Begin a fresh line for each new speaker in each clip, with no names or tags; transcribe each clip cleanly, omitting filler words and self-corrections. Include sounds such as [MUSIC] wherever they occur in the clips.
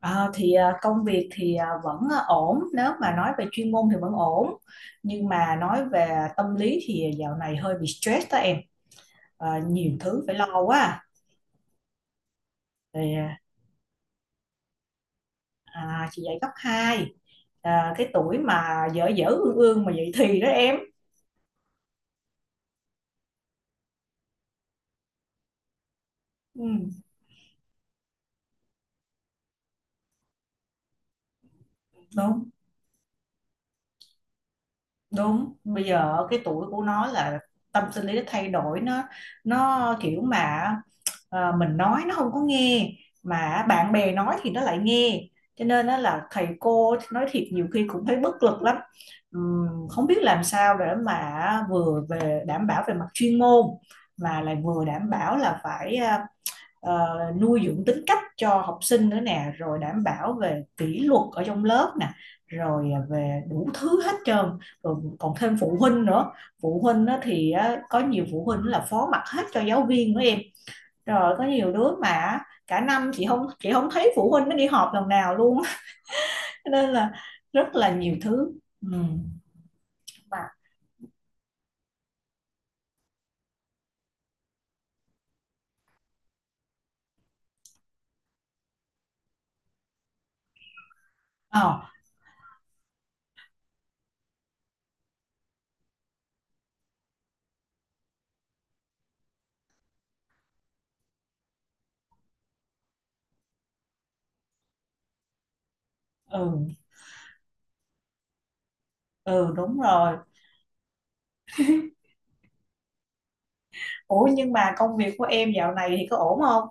À, thì công việc thì vẫn ổn, nếu mà nói về chuyên môn thì vẫn ổn, nhưng mà nói về tâm lý thì dạo này hơi bị stress đó em. Nhiều thứ phải lo quá à. À, chị dạy cấp hai. À, cái tuổi mà dở dở ương ương mà dậy thì đó em. Ừ, đúng đúng, bây giờ cái tuổi của nó là tâm sinh lý nó thay đổi, nó kiểu mà. Ờ, mình nói nó không có nghe, mà bạn bè nói thì nó lại nghe, cho nên đó là thầy cô nói thiệt nhiều khi cũng thấy bất lực lắm. Không biết làm sao để mà vừa về đảm bảo về mặt chuyên môn, mà lại vừa đảm bảo là phải nuôi dưỡng tính cách cho học sinh nữa nè, rồi đảm bảo về kỷ luật ở trong lớp nè, rồi về đủ thứ hết trơn, rồi còn thêm phụ huynh nữa. Phụ huynh á thì á, có nhiều phụ huynh là phó mặc hết cho giáo viên nữa em. Rồi có nhiều đứa mà cả năm chị không thấy phụ huynh nó đi họp lần nào luôn. [LAUGHS] Cho nên là rất là nhiều thứ. Ừ. Mà ờ ừ, ừ, đúng rồi. Ủa, nhưng mà công việc của em dạo này thì có ổn không?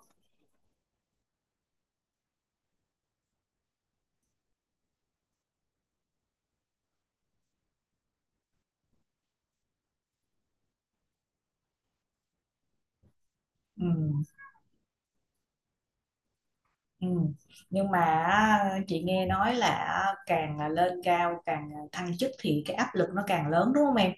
Ừ, ừ, nhưng mà chị nghe nói là càng lên cao càng thăng chức thì cái áp lực nó càng lớn đúng không em?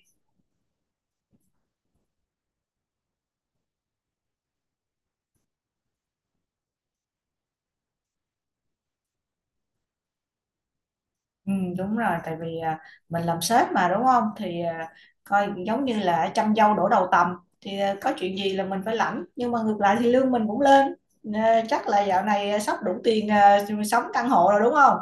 Ừ, đúng rồi, tại vì mình làm sếp mà đúng không, thì coi giống như là trăm dâu đổ đầu tầm, thì có chuyện gì là mình phải lãnh, nhưng mà ngược lại thì lương mình cũng lên. Nè, chắc là dạo này sắp đủ tiền sống căn hộ rồi đúng không?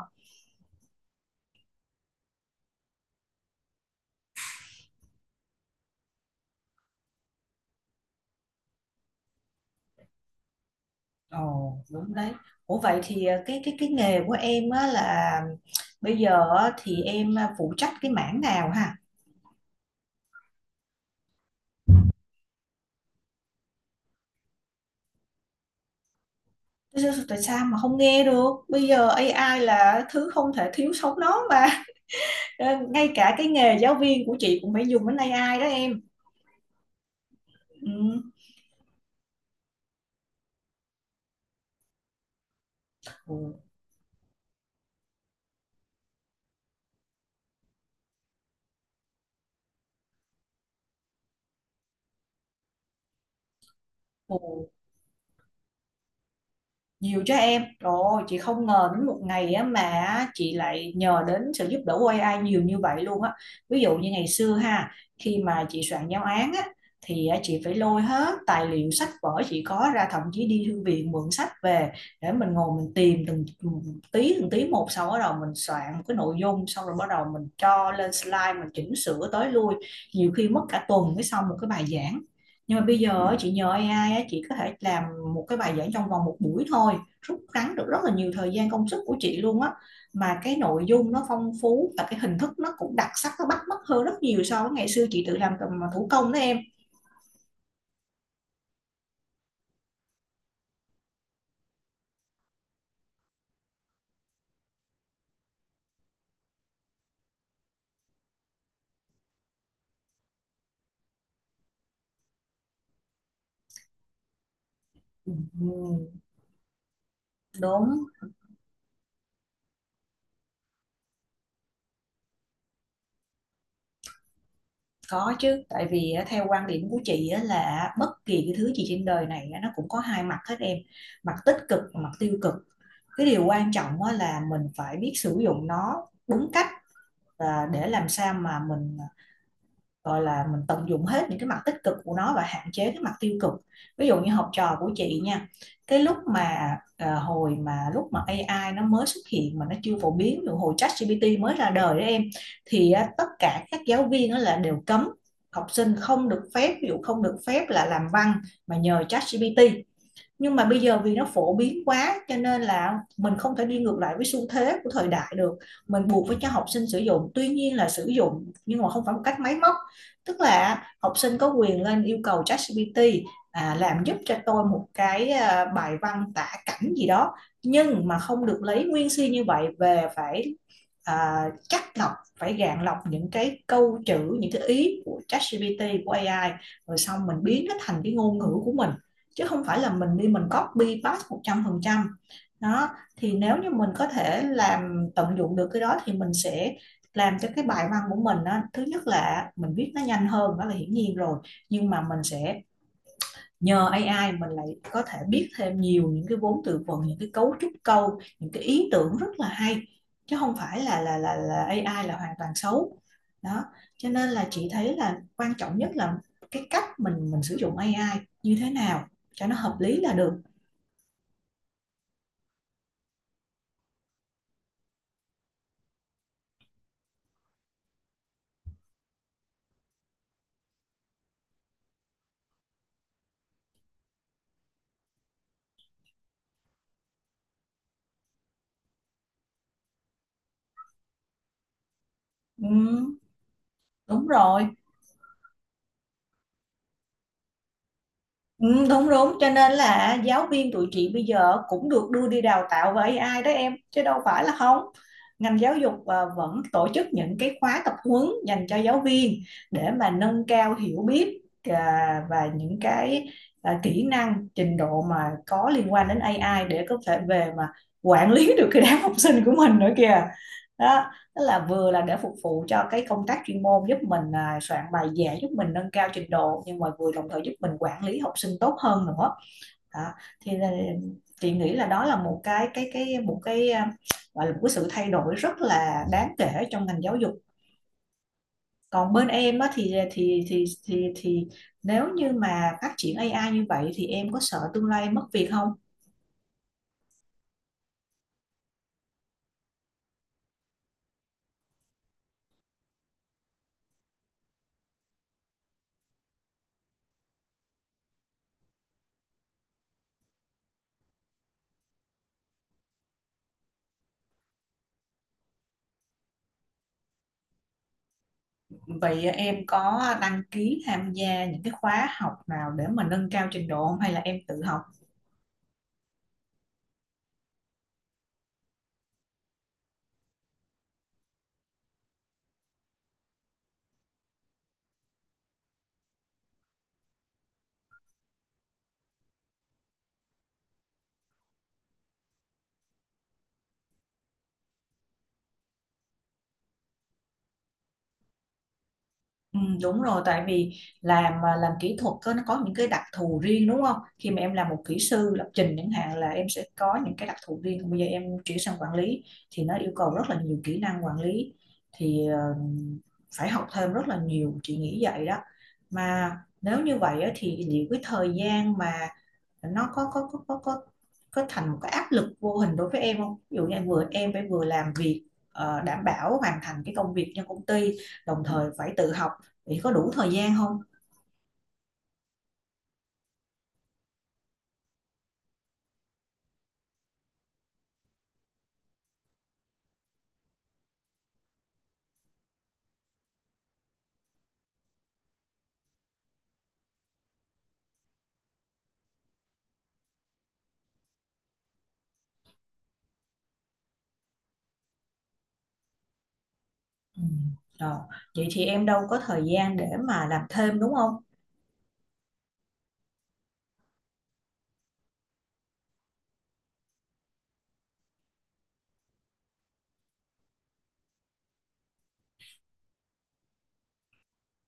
Ồ, đúng đấy. Ủa, vậy thì cái nghề của em á là bây giờ á, thì em phụ trách cái mảng nào ha? Tại sao mà không nghe được? Bây giờ AI là thứ không thể thiếu sống nó mà. Ờ, ngay cả cái nghề giáo viên của chị cũng phải dùng đến AI đó em. Ừ. Ồ, nhiều cho em rồi, chị không ngờ đến một ngày á mà chị lại nhờ đến sự giúp đỡ của AI nhiều như vậy luôn á. Ví dụ như ngày xưa ha, khi mà chị soạn giáo án á thì á, chị phải lôi hết tài liệu sách vở chị có ra, thậm chí đi thư viện mượn sách về, để mình ngồi mình tìm từng tí một, xong bắt đầu mình soạn một cái nội dung, xong rồi bắt đầu mình cho lên slide mình chỉnh sửa tới lui. Nhiều khi mất cả tuần mới xong một cái bài giảng. Nhưng mà bây giờ á, chị nhờ AI á, chị có thể làm một cái bài giảng trong vòng một buổi thôi, rút ngắn được rất là nhiều thời gian công sức của chị luôn á. Mà cái nội dung nó phong phú và cái hình thức nó cũng đặc sắc, nó bắt mắt hơn rất nhiều so với ngày xưa chị tự làm cầm thủ công đó em. Ừ, đúng, có chứ. Tại vì á, theo quan điểm của chị á, là bất kỳ cái thứ gì trên đời này á, nó cũng có hai mặt hết em. Mặt tích cực và mặt tiêu cực. Cái điều quan trọng á, là mình phải biết sử dụng nó đúng cách và để làm sao mà mình gọi là mình tận dụng hết những cái mặt tích cực của nó và hạn chế cái mặt tiêu cực. Ví dụ như học trò của chị nha, cái lúc mà ờ, hồi mà lúc mà AI nó mới xuất hiện, mà nó chưa phổ biến, ví hồi ChatGPT mới ra đời đó em, thì á, tất cả các giáo viên đó là đều cấm học sinh không được phép, ví dụ không được phép là làm văn mà nhờ ChatGPT. Nhưng mà bây giờ vì nó phổ biến quá cho nên là mình không thể đi ngược lại với xu thế của thời đại được, mình buộc phải cho học sinh sử dụng, tuy nhiên là sử dụng nhưng mà không phải một cách máy móc. Tức là học sinh có quyền lên yêu cầu ChatGPT làm giúp cho tôi một cái bài văn tả cảnh gì đó, nhưng mà không được lấy nguyên si như vậy về, phải chắc lọc, phải gạn lọc những cái câu chữ, những cái ý của ChatGPT, của AI, rồi xong mình biến nó thành cái ngôn ngữ của mình, chứ không phải là mình đi mình copy paste 100%. Đó, thì nếu như mình có thể làm tận dụng được cái đó thì mình sẽ làm cho cái bài văn của mình á, thứ nhất là mình viết nó nhanh hơn, đó là hiển nhiên rồi, nhưng mà mình sẽ nhờ AI mình lại có thể biết thêm nhiều những cái vốn từ vựng, những cái cấu trúc câu, những cái ý tưởng rất là hay, chứ không phải là AI là hoàn toàn xấu. Đó, cho nên là chị thấy là quan trọng nhất là cái cách mình sử dụng AI như thế nào cho nó hợp lý là được. Ừ, đúng rồi. Ừ, đúng đúng, cho nên là giáo viên tụi chị bây giờ cũng được đưa đi đào tạo với AI đó em, chứ đâu phải là không. Ngành giáo dục vẫn tổ chức những cái khóa tập huấn dành cho giáo viên để mà nâng cao hiểu biết và những cái kỹ năng trình độ mà có liên quan đến AI, để có thể về mà quản lý được cái đám học sinh của mình nữa kìa. Đó, tức là vừa là để phục vụ cho cái công tác chuyên môn, giúp mình soạn bài dễ, giúp mình nâng cao trình độ, nhưng mà vừa đồng thời giúp mình quản lý học sinh tốt hơn nữa. Đó. Thì chị nghĩ là đó là một cái một cái à, gọi là một cái sự thay đổi rất là đáng kể trong ngành giáo dục. Còn bên em á, thì à, thì thì nếu như mà phát triển AI như vậy thì em có sợ tương lai mất việc không? Vậy em có đăng ký tham gia những cái khóa học nào để mà nâng cao trình độ không hay là em tự học? Ừ, đúng rồi, tại vì làm mà làm kỹ thuật nó có những cái đặc thù riêng đúng không, khi mà em làm một kỹ sư lập trình chẳng hạn là em sẽ có những cái đặc thù riêng. Còn bây giờ em chuyển sang quản lý thì nó yêu cầu rất là nhiều kỹ năng quản lý, thì phải học thêm rất là nhiều chị nghĩ vậy đó. Mà nếu như vậy á, thì liệu cái thời gian mà nó có thành một cái áp lực vô hình đối với em không? Ví dụ như em vừa em phải vừa làm việc đảm bảo hoàn thành cái công việc cho công ty, đồng thời phải tự học thì có đủ thời gian không? Ừ. Rồi. Vậy thì em đâu có thời gian để mà làm thêm đúng không?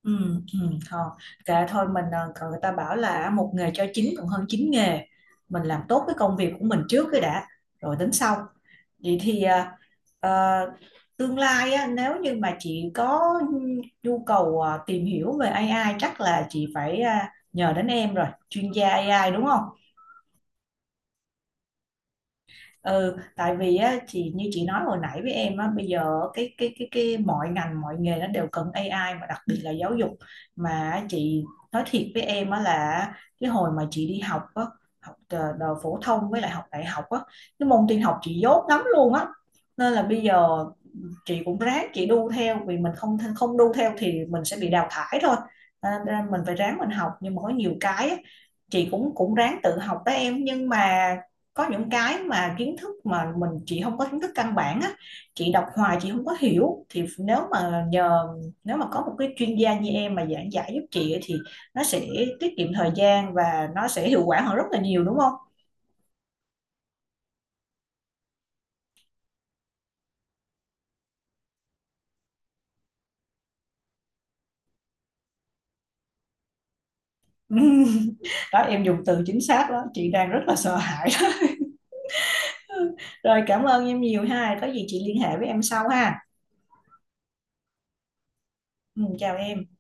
Ừ, ừ, thôi kệ thôi mình còn người ta bảo là một nghề cho chín còn hơn chín nghề, mình làm tốt cái công việc của mình trước cái đã, rồi tính sau. Vậy thì ờ, tương lai á, nếu như mà chị có nhu cầu tìm hiểu về AI chắc là chị phải nhờ đến em rồi, chuyên gia AI đúng không? Ừ, tại vì á chị, như chị nói hồi nãy với em á, bây giờ cái mọi ngành mọi nghề nó đều cần AI, mà đặc biệt là giáo dục. Mà chị nói thiệt với em á là cái hồi mà chị đi học á, học đờ- đờ phổ thông với lại học đại học á, cái môn tin học chị dốt lắm luôn á. Nên là bây giờ chị cũng ráng chị đu theo, vì mình không không đu theo thì mình sẽ bị đào thải thôi. à, mình phải ráng mình học, nhưng mà có nhiều cái chị cũng cũng ráng tự học đó em, nhưng mà có những cái mà kiến thức mà chị không có kiến thức căn bản á, chị đọc hoài chị không có hiểu, thì nếu mà có một cái chuyên gia như em mà giảng giải giúp chị thì nó sẽ tiết kiệm thời gian và nó sẽ hiệu quả hơn rất là nhiều đúng không? [LAUGHS] Đó em dùng từ chính xác đó, chị đang rất là sợ hãi. Rồi cảm ơn em nhiều ha, có gì chị liên hệ với em sau ha. Ừ, chào em.